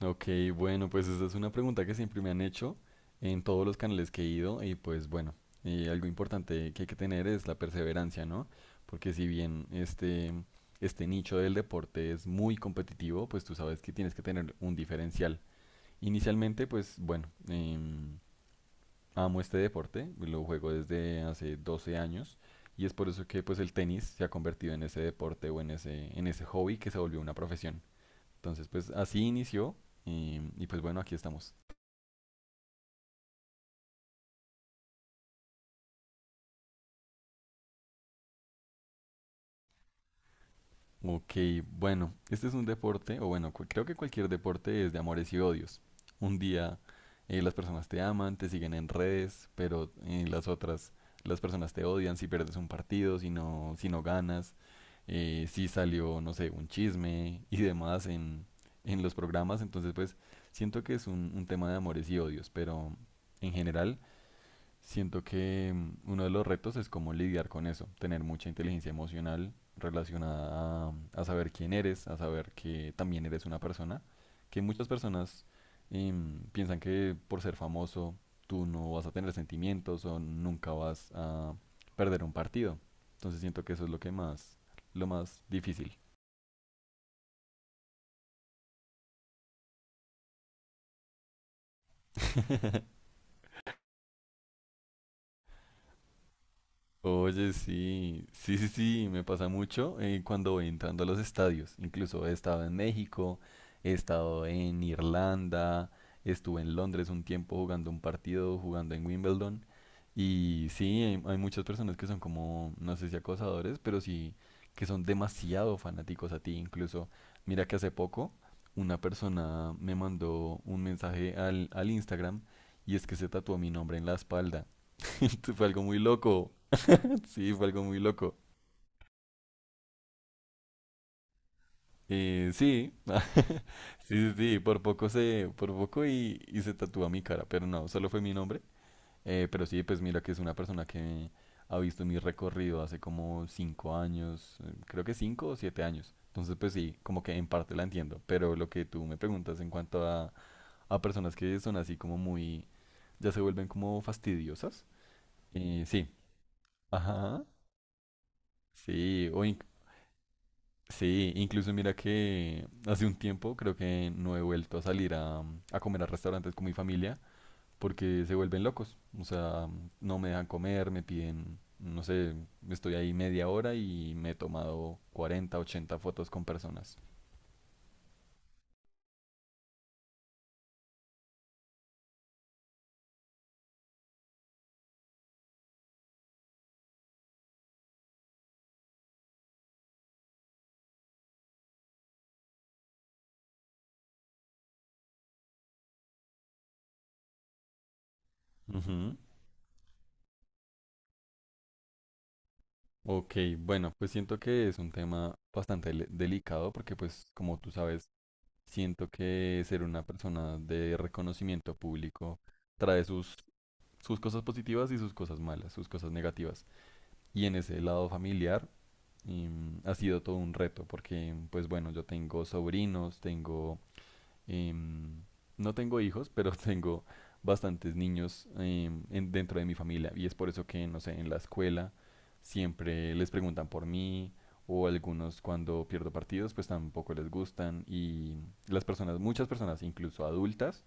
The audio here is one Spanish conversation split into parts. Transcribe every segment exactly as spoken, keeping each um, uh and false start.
Ok, bueno, pues esta es una pregunta que siempre me han hecho en todos los canales que he ido y pues bueno, eh, algo importante que hay que tener es la perseverancia, ¿no? Porque si bien este, este nicho del deporte es muy competitivo, pues tú sabes que tienes que tener un diferencial. Inicialmente, pues bueno, em, amo este deporte, lo juego desde hace doce años y es por eso que pues el tenis se ha convertido en ese deporte o en ese, en ese hobby que se volvió una profesión. Entonces, pues así inició y, y pues bueno, aquí estamos. Ok, bueno, este es un deporte, o bueno, creo que cualquier deporte es de amores y odios. Un día eh, las personas te aman, te siguen en redes, pero eh, las otras, las personas te odian si pierdes un partido, si no, si no ganas, eh, si salió, no sé, un chisme y demás en, en los programas. Entonces, pues siento que es un, un tema de amores y odios, pero en general siento que mm, uno de los retos es cómo lidiar con eso, tener mucha inteligencia emocional relacionada a, a saber quién eres, a saber que también eres una persona, que muchas personas em, piensan que por ser famoso tú no vas a tener sentimientos o nunca vas a perder un partido. Entonces siento que eso es lo que más, lo más difícil. Oye, sí, sí, sí, sí, me pasa mucho eh, cuando voy entrando a los estadios. Incluso he estado en México, he estado en Irlanda, estuve en Londres un tiempo jugando un partido, jugando en Wimbledon. Y sí, hay, hay muchas personas que son como, no sé si acosadores, pero sí que son demasiado fanáticos a ti. Incluso, mira que hace poco una persona me mandó un mensaje al, al Instagram y es que se tatuó mi nombre en la espalda. Fue algo muy loco. Sí, fue algo muy loco. Eh, sí, sí, sí, sí, por poco se, por poco y, y se tatúa mi cara, pero no, solo fue mi nombre. Eh, pero sí, pues mira que es una persona que ha visto mi recorrido hace como cinco años, eh, creo que cinco o siete años. Entonces, pues sí, como que en parte la entiendo, pero lo que tú me preguntas en cuanto a, a personas que son así como muy, ya se vuelven como fastidiosas. Eh, sí, ajá, sí, o sí, incluso mira que hace un tiempo creo que no he vuelto a salir a, a comer a restaurantes con mi familia porque se vuelven locos. O sea, no me dejan comer, me piden, no sé, estoy ahí media hora y me he tomado cuarenta ochenta fotos con personas. Ujú. Ok, bueno, pues siento que es un tema bastante le- delicado porque pues como tú sabes, siento que ser una persona de reconocimiento público trae sus, sus cosas positivas y sus cosas malas, sus cosas negativas. Y en ese lado familiar em, ha sido todo un reto porque, pues bueno, yo tengo sobrinos, tengo... em, no tengo hijos, pero tengo bastantes niños em, en- dentro de mi familia. Y es por eso que, no sé, en la escuela siempre les preguntan por mí o algunos cuando pierdo partidos pues tampoco les gustan y las personas, muchas personas, incluso adultas,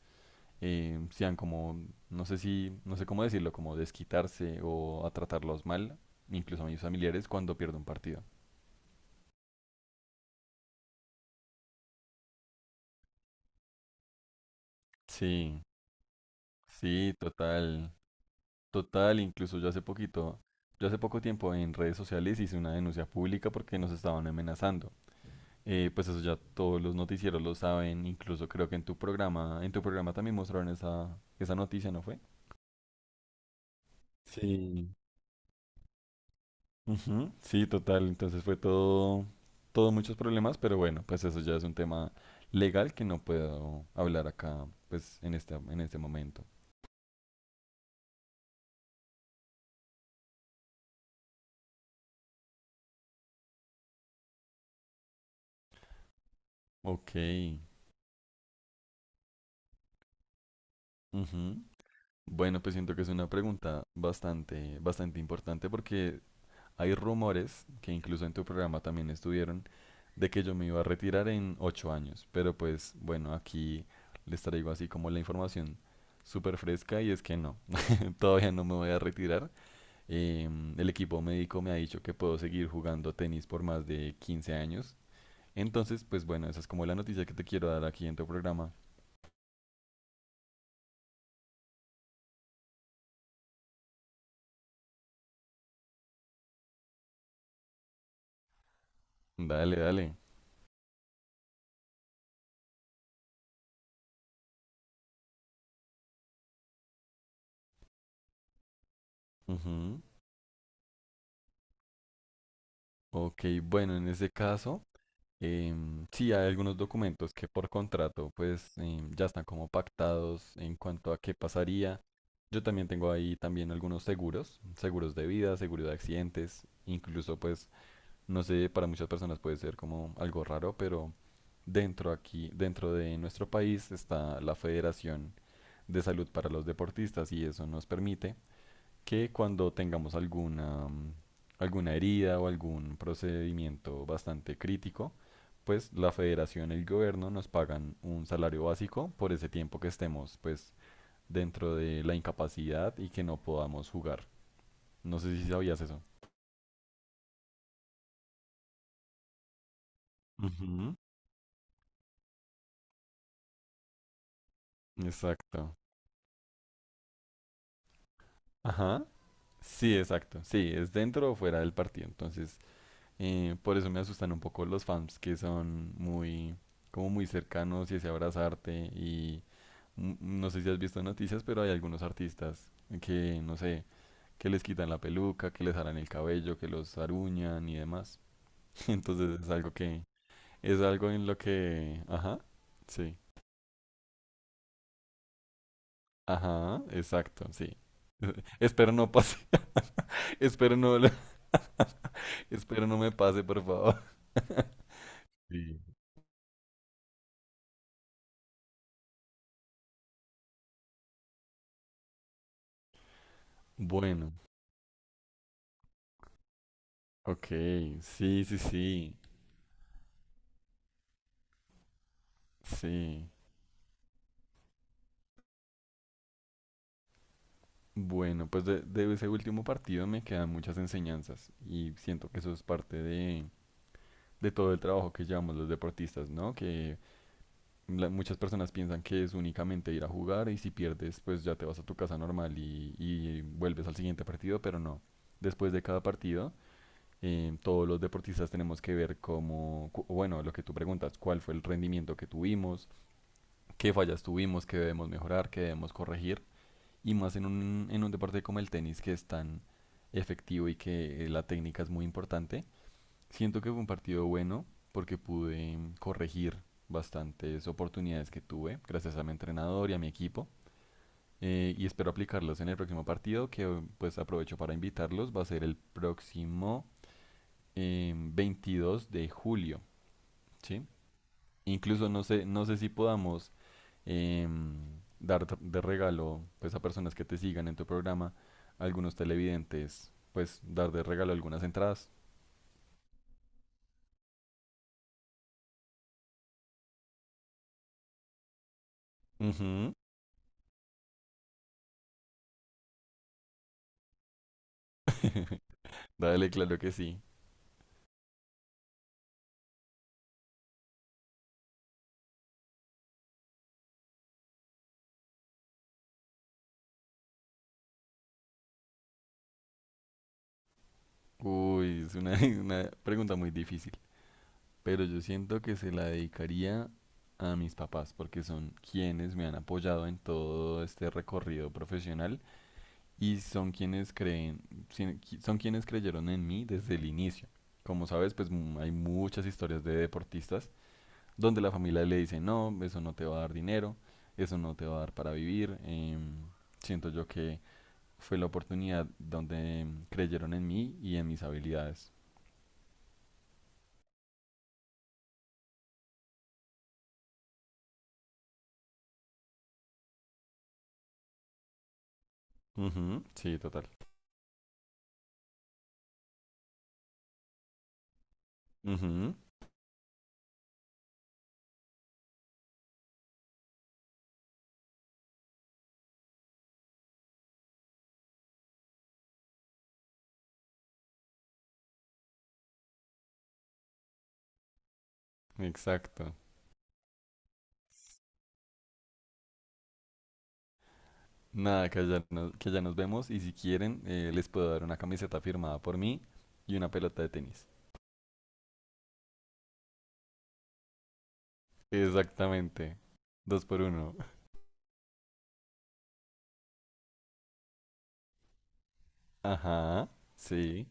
eh, sean como, no sé si, no sé cómo decirlo, como desquitarse o a tratarlos mal, incluso a mis familiares, cuando pierdo un partido. Sí, sí, total, total, incluso yo hace poquito, yo hace poco tiempo en redes sociales hice una denuncia pública porque nos estaban amenazando. Eh, pues eso ya todos los noticieros lo saben, incluso creo que en tu programa, en tu programa también mostraron esa, esa noticia, ¿no fue? Sí. Ujú, sí, total. Entonces fue todo, todo muchos problemas, pero bueno, pues eso ya es un tema legal que no puedo hablar acá, pues en este, en este momento. Ok, ujú. Bueno, pues siento que es una pregunta bastante, bastante importante porque hay rumores que incluso en tu programa también estuvieron de que yo me iba a retirar en ocho años, pero pues bueno, aquí les traigo así como la información súper fresca y es que no, todavía no me voy a retirar. Eh, el equipo médico me ha dicho que puedo seguir jugando tenis por más de quince años. Entonces, pues bueno, esa es como la noticia que te quiero dar aquí en tu programa. Dale, dale. Ujú. Ok, bueno, en ese caso, em, sí hay algunos documentos que por contrato pues em, ya están como pactados en cuanto a qué pasaría. Yo también tengo ahí también algunos seguros, seguros de vida, seguros de accidentes, incluso pues, no sé, para muchas personas puede ser como algo raro, pero dentro aquí, dentro de nuestro país está la Federación de Salud para los Deportistas y eso nos permite que cuando tengamos alguna, mm, alguna herida o algún procedimiento bastante crítico, pues la federación, y el gobierno nos pagan un salario básico por ese tiempo que estemos pues dentro de la incapacidad y que no podamos jugar. No sé si sabías eso. Ujú. Exacto. Ajá. Sí, exacto. Sí, es dentro o fuera del partido. Entonces, Eh, por eso me asustan un poco los fans que son muy, como muy cercanos y ese abrazarte. Y mm, no sé si has visto noticias, pero hay algunos artistas que, no sé, que les quitan la peluca, que les harán el cabello, que los aruñan y demás. Entonces es algo que, es algo en lo que, ah, sí, ajá, exacto, sí. Espero no pase, espero no, lo- espero no me pase, por favor. Sí. Bueno, ok, sí, sí, sí, sí. Bueno, pues de, de ese último partido me quedan muchas enseñanzas y siento que eso es parte de, de todo el trabajo que llevamos los deportistas, ¿no? Que la- muchas personas piensan que es únicamente ir a jugar y si pierdes, pues ya te vas a tu casa normal y, y vuelves al siguiente partido, pero no. Después de cada partido, eh, todos los deportistas tenemos que ver cómo, cu- bueno, lo que tú preguntas, cuál fue el rendimiento que tuvimos, qué fallas tuvimos, qué debemos mejorar, qué debemos corregir y más en un, en un deporte como el tenis que es tan efectivo y que eh, la técnica es muy importante. Siento que fue un partido bueno porque pude mm, corregir bastantes oportunidades que tuve gracias a mi entrenador y a mi equipo eh, y espero aplicarlos en el próximo partido que pues aprovecho para invitarlos va a ser el próximo eh, veintidós de julio, ¿sí? Incluso no sé, no sé si podamos em, dar de regalo pues a personas que te sigan en tu programa, a algunos televidentes, pues dar de regalo algunas entradas. Ujú. Dale, claro que sí. Uy, es una, una pregunta muy difícil, pero yo siento que se la dedicaría a mis papás porque son quienes me han apoyado en todo este recorrido profesional y son quienes creen, sien- qui- son quienes creyeron en mí desde el inicio. Como sabes, pues mm, hay muchas historias de deportistas donde la familia le dice, no, eso no te va a dar dinero, eso no te va a dar para vivir. Eh, siento yo que fue la oportunidad donde creyeron en mí y en mis habilidades. Ujú, sí, total. Ujú, exacto. Nada, que ya nos, que ya nos vemos y si quieren eh, les puedo dar una camiseta firmada por mí y una pelota de tenis. Exactamente. Dos por uno. Ajá, sí.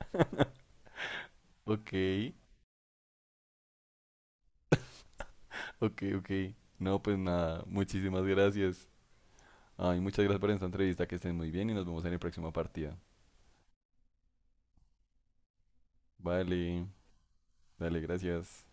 Ok. Ok, ok. No, pues nada, muchísimas gracias. Ay, muchas gracias por esta entrevista, que estén muy bien y nos vemos en la próxima partida. Vale, dale, gracias.